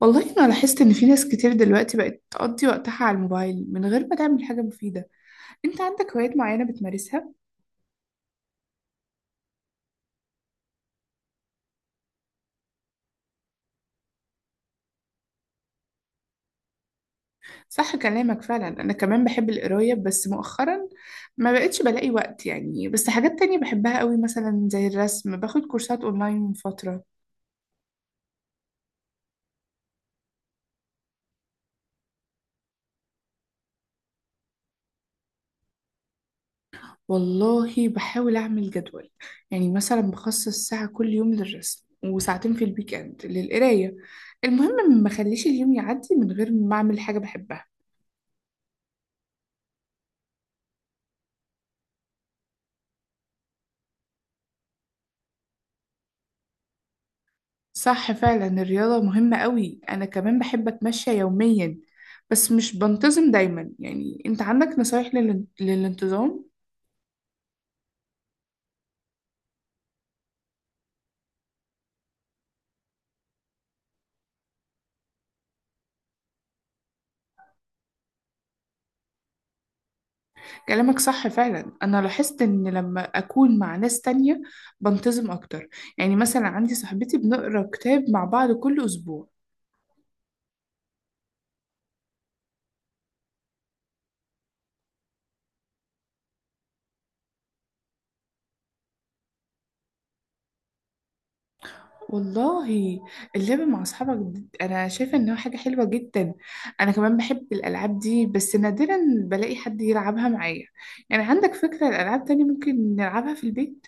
والله أنا لاحظت إن في ناس كتير دلوقتي بقت تقضي وقتها على الموبايل من غير ما تعمل حاجة مفيدة. أنت عندك هوايات معينة بتمارسها؟ صح كلامك فعلا، أنا كمان بحب القراية بس مؤخرا ما بقتش بلاقي وقت، بس حاجات تانية بحبها قوي، مثلا زي الرسم، باخد كورسات أونلاين من فترة. والله بحاول أعمل جدول، يعني مثلا بخصص 1 ساعة كل يوم للرسم و2 ساعة في الويك إند للقراية. المهم ما اخليش اليوم يعدي من غير ما أعمل حاجة بحبها. صح فعلا، الرياضة مهمة قوي، أنا كمان بحب أتمشى يوميا بس مش بنتظم دايما. يعني أنت عندك نصايح للانتظام؟ كلامك صح فعلا، أنا لاحظت إن لما أكون مع ناس تانية بنتظم أكتر، يعني مثلا عندي صاحبتي بنقرأ كتاب مع بعض كل أسبوع. والله اللعب مع أصحابك أنا شايفة إنها حاجة حلوة جدا، أنا كمان بحب الألعاب دي بس نادرا بلاقي حد يلعبها معايا. يعني عندك فكرة الألعاب تانية ممكن نلعبها في البيت؟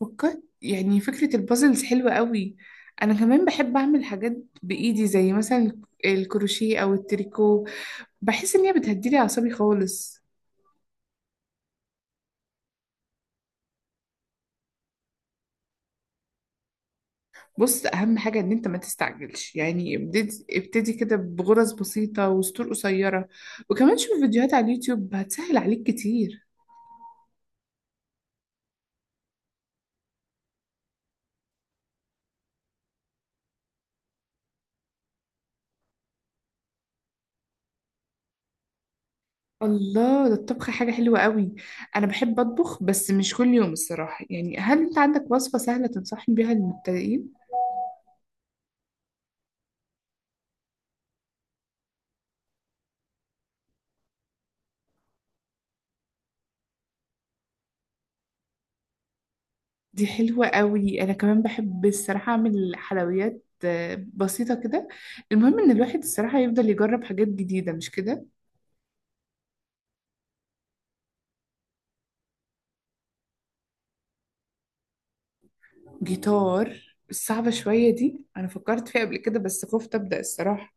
فكرت، فكرة البازلز حلوة قوي. أنا كمان بحب أعمل حاجات بإيدي، زي مثلا الكروشيه أو التريكو، بحس إن هي بتهديلي أعصابي خالص. بص، أهم حاجة إن أنت ما تستعجلش، يعني ابتدي كده بغرز بسيطة وسطور قصيرة، وكمان شوف فيديوهات على اليوتيوب هتسهل عليك كتير. الله، ده الطبخ حاجة حلوة قوي، أنا بحب أطبخ بس مش كل يوم الصراحة. يعني هل أنت عندك وصفة سهلة تنصحني بيها للمبتدئين؟ دي حلوة قوي، أنا كمان بحب الصراحة أعمل حلويات بسيطة كده. المهم إن الواحد الصراحة يفضل يجرب حاجات جديدة، مش كده؟ جيتار، الصعبة شوية دي، أنا فكرت فيها قبل كده بس خفت أبدأ الصراحة.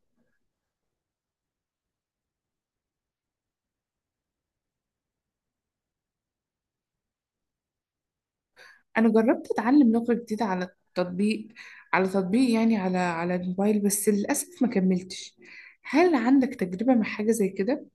أنا جربت أتعلم لغة جديدة على التطبيق، على تطبيق يعني على الموبايل بس للأسف ما كملتش. هل عندك تجربة مع حاجة زي كده؟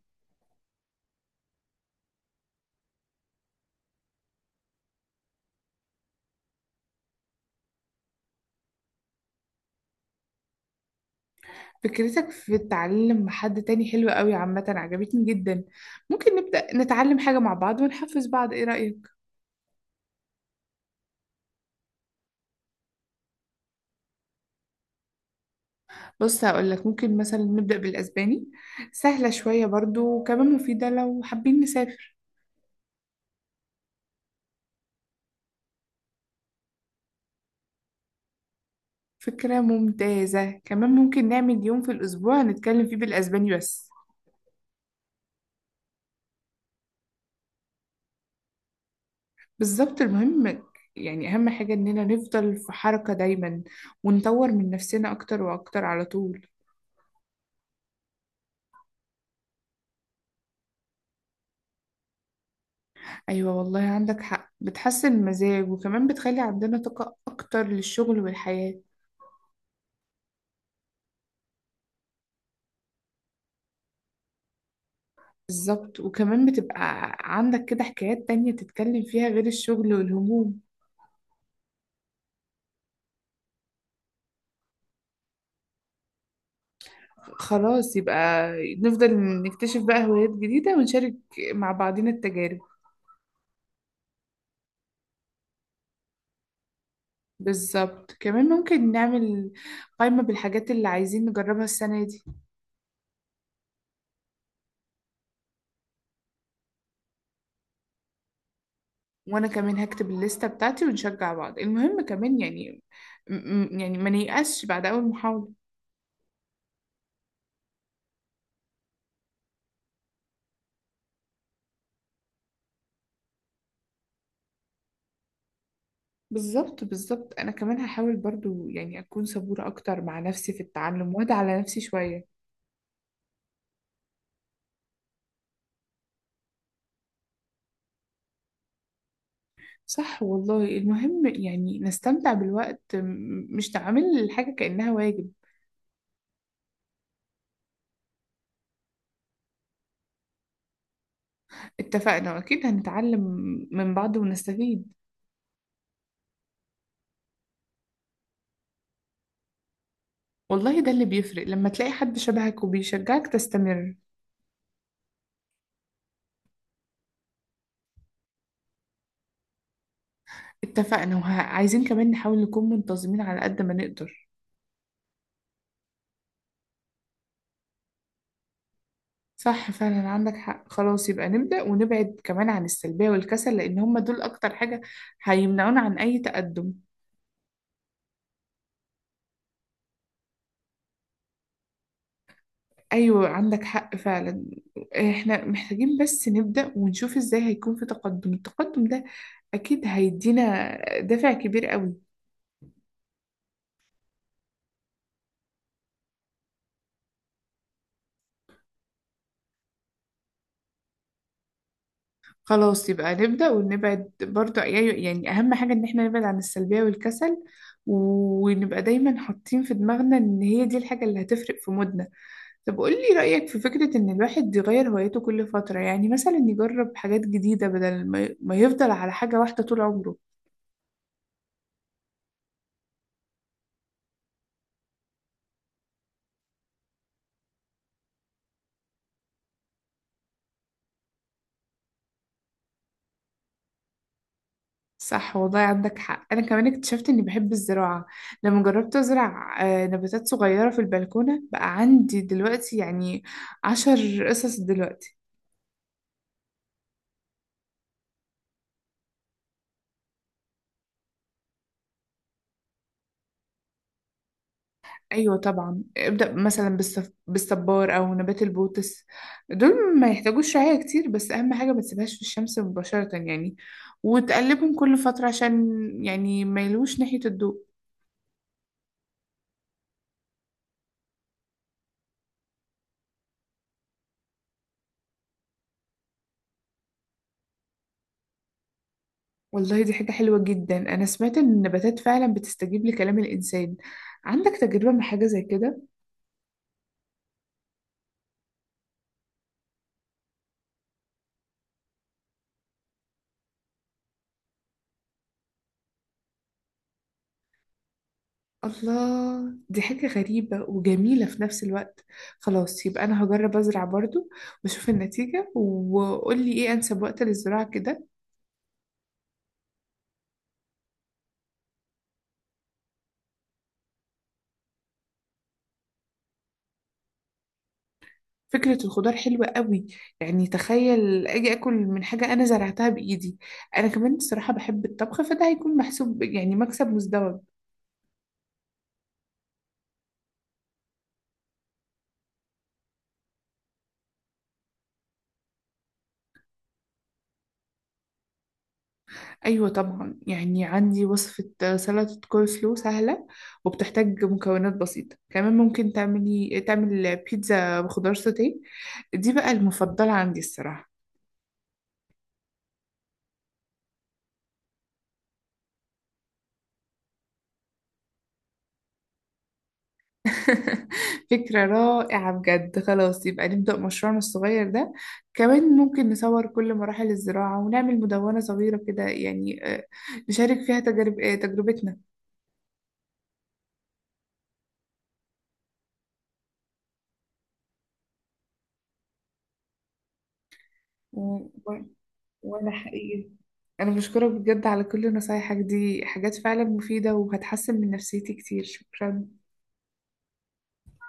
فكرتك في التعلم مع حد تاني حلوة قوي، عامة عجبتني جدا. ممكن نبدأ نتعلم حاجة مع بعض ونحفز بعض، إيه رأيك؟ بص هقولك، ممكن مثلا نبدأ بالأسباني، سهلة شوية برضو وكمان مفيدة لو حابين نسافر. فكرة ممتازة، كمان ممكن نعمل يوم في الأسبوع هنتكلم فيه بالأسباني بس. بالظبط، المهم أهم حاجة إننا نفضل في حركة دايما، ونطور من نفسنا أكتر وأكتر على طول. أيوة والله عندك حق، بتحسن المزاج وكمان بتخلي عندنا طاقة أكتر للشغل والحياة. بالظبط، وكمان بتبقى عندك كده حكايات تانية تتكلم فيها غير الشغل والهموم. خلاص يبقى نفضل نكتشف بقى هوايات جديدة ونشارك مع بعضنا التجارب. بالظبط، كمان ممكن نعمل قائمة بالحاجات اللي عايزين نجربها السنة دي. وأنا كمان هكتب الليستة بتاعتي ونشجع بعض. المهم كمان م- يعني ما نيأسش بعد أول محاولة. بالظبط بالظبط، أنا كمان هحاول برضو أكون صبورة أكتر مع نفسي في التعلم، وأدعى على نفسي شوية. صح والله، المهم نستمتع بالوقت، مش نعمل الحاجة كأنها واجب. اتفقنا، واكيد هنتعلم من بعض ونستفيد. والله ده اللي بيفرق، لما تلاقي حد شبهك وبيشجعك تستمر. اتفقنا، وعايزين كمان نحاول نكون منتظمين على قد ما نقدر. صح فعلا عندك حق، خلاص يبقى نبدأ ونبعد كمان عن السلبية والكسل، لأن هما دول أكتر حاجة هيمنعونا عن أي تقدم. أيوة عندك حق فعلا، احنا محتاجين بس نبدأ ونشوف ازاي هيكون في تقدم. التقدم ده أكيد هيدينا دافع كبير قوي. خلاص يبقى نبدأ ونبعد برضه، يعني أهم حاجة إن احنا نبعد عن السلبية والكسل، ونبقى دايما حاطين في دماغنا إن هي دي الحاجة اللي هتفرق في مودنا. طب قولي رأيك في فكرة إن الواحد يغير هوايته كل فترة، يعني مثلا يجرب حاجات جديدة بدل ما ما يفضل على حاجة واحدة طول عمره. صح والله عندك حق، أنا كمان اكتشفت إني بحب الزراعة لما جربت أزرع نباتات صغيرة في البلكونة، بقى عندي دلوقتي 10 قصص دلوقتي. ايوه طبعا، ابدأ مثلا بالصبار او نبات البوتس، دول ما يحتاجوش رعاية كتير. بس اهم حاجة ما تسيبهاش في الشمس مباشرة، يعني وتقلبهم كل فترة عشان ما يلوش ناحية الضوء. والله دي حاجة حلوة جدا، انا سمعت ان النباتات فعلا بتستجيب لكلام الانسان. عندك تجربة مع حاجة زي كده؟ الله، دي حاجة غريبة وجميلة في نفس الوقت. خلاص يبقى انا هجرب ازرع برضو واشوف النتيجة. وقولي ايه انسب وقت للزراعة كده؟ فكرة الخضار حلوة قوي، يعني تخيل أجي أكل من حاجة أنا زرعتها بإيدي. أنا كمان الصراحة بحب الطبخ، فده هيكون محسوب، يعني مكسب مزدوج. أيوة طبعا، يعني عندي وصفة سلطة كول سلو سهلة وبتحتاج مكونات بسيطة. كمان ممكن تعمل بيتزا بخضار سوتيه، دي بقى المفضلة عندي الصراحة. فكرة رائعة بجد، خلاص يبقى نبدأ مشروعنا الصغير ده. كمان ممكن نصور كل مراحل الزراعة ونعمل مدونة صغيرة كده، نشارك فيها تجارب آه، تجربتنا. و... و... وأنا حقيقي أنا بشكرك بجد على كل نصايحك، دي حاجات فعلا مفيدة وهتحسن من نفسيتي كتير. شكرا.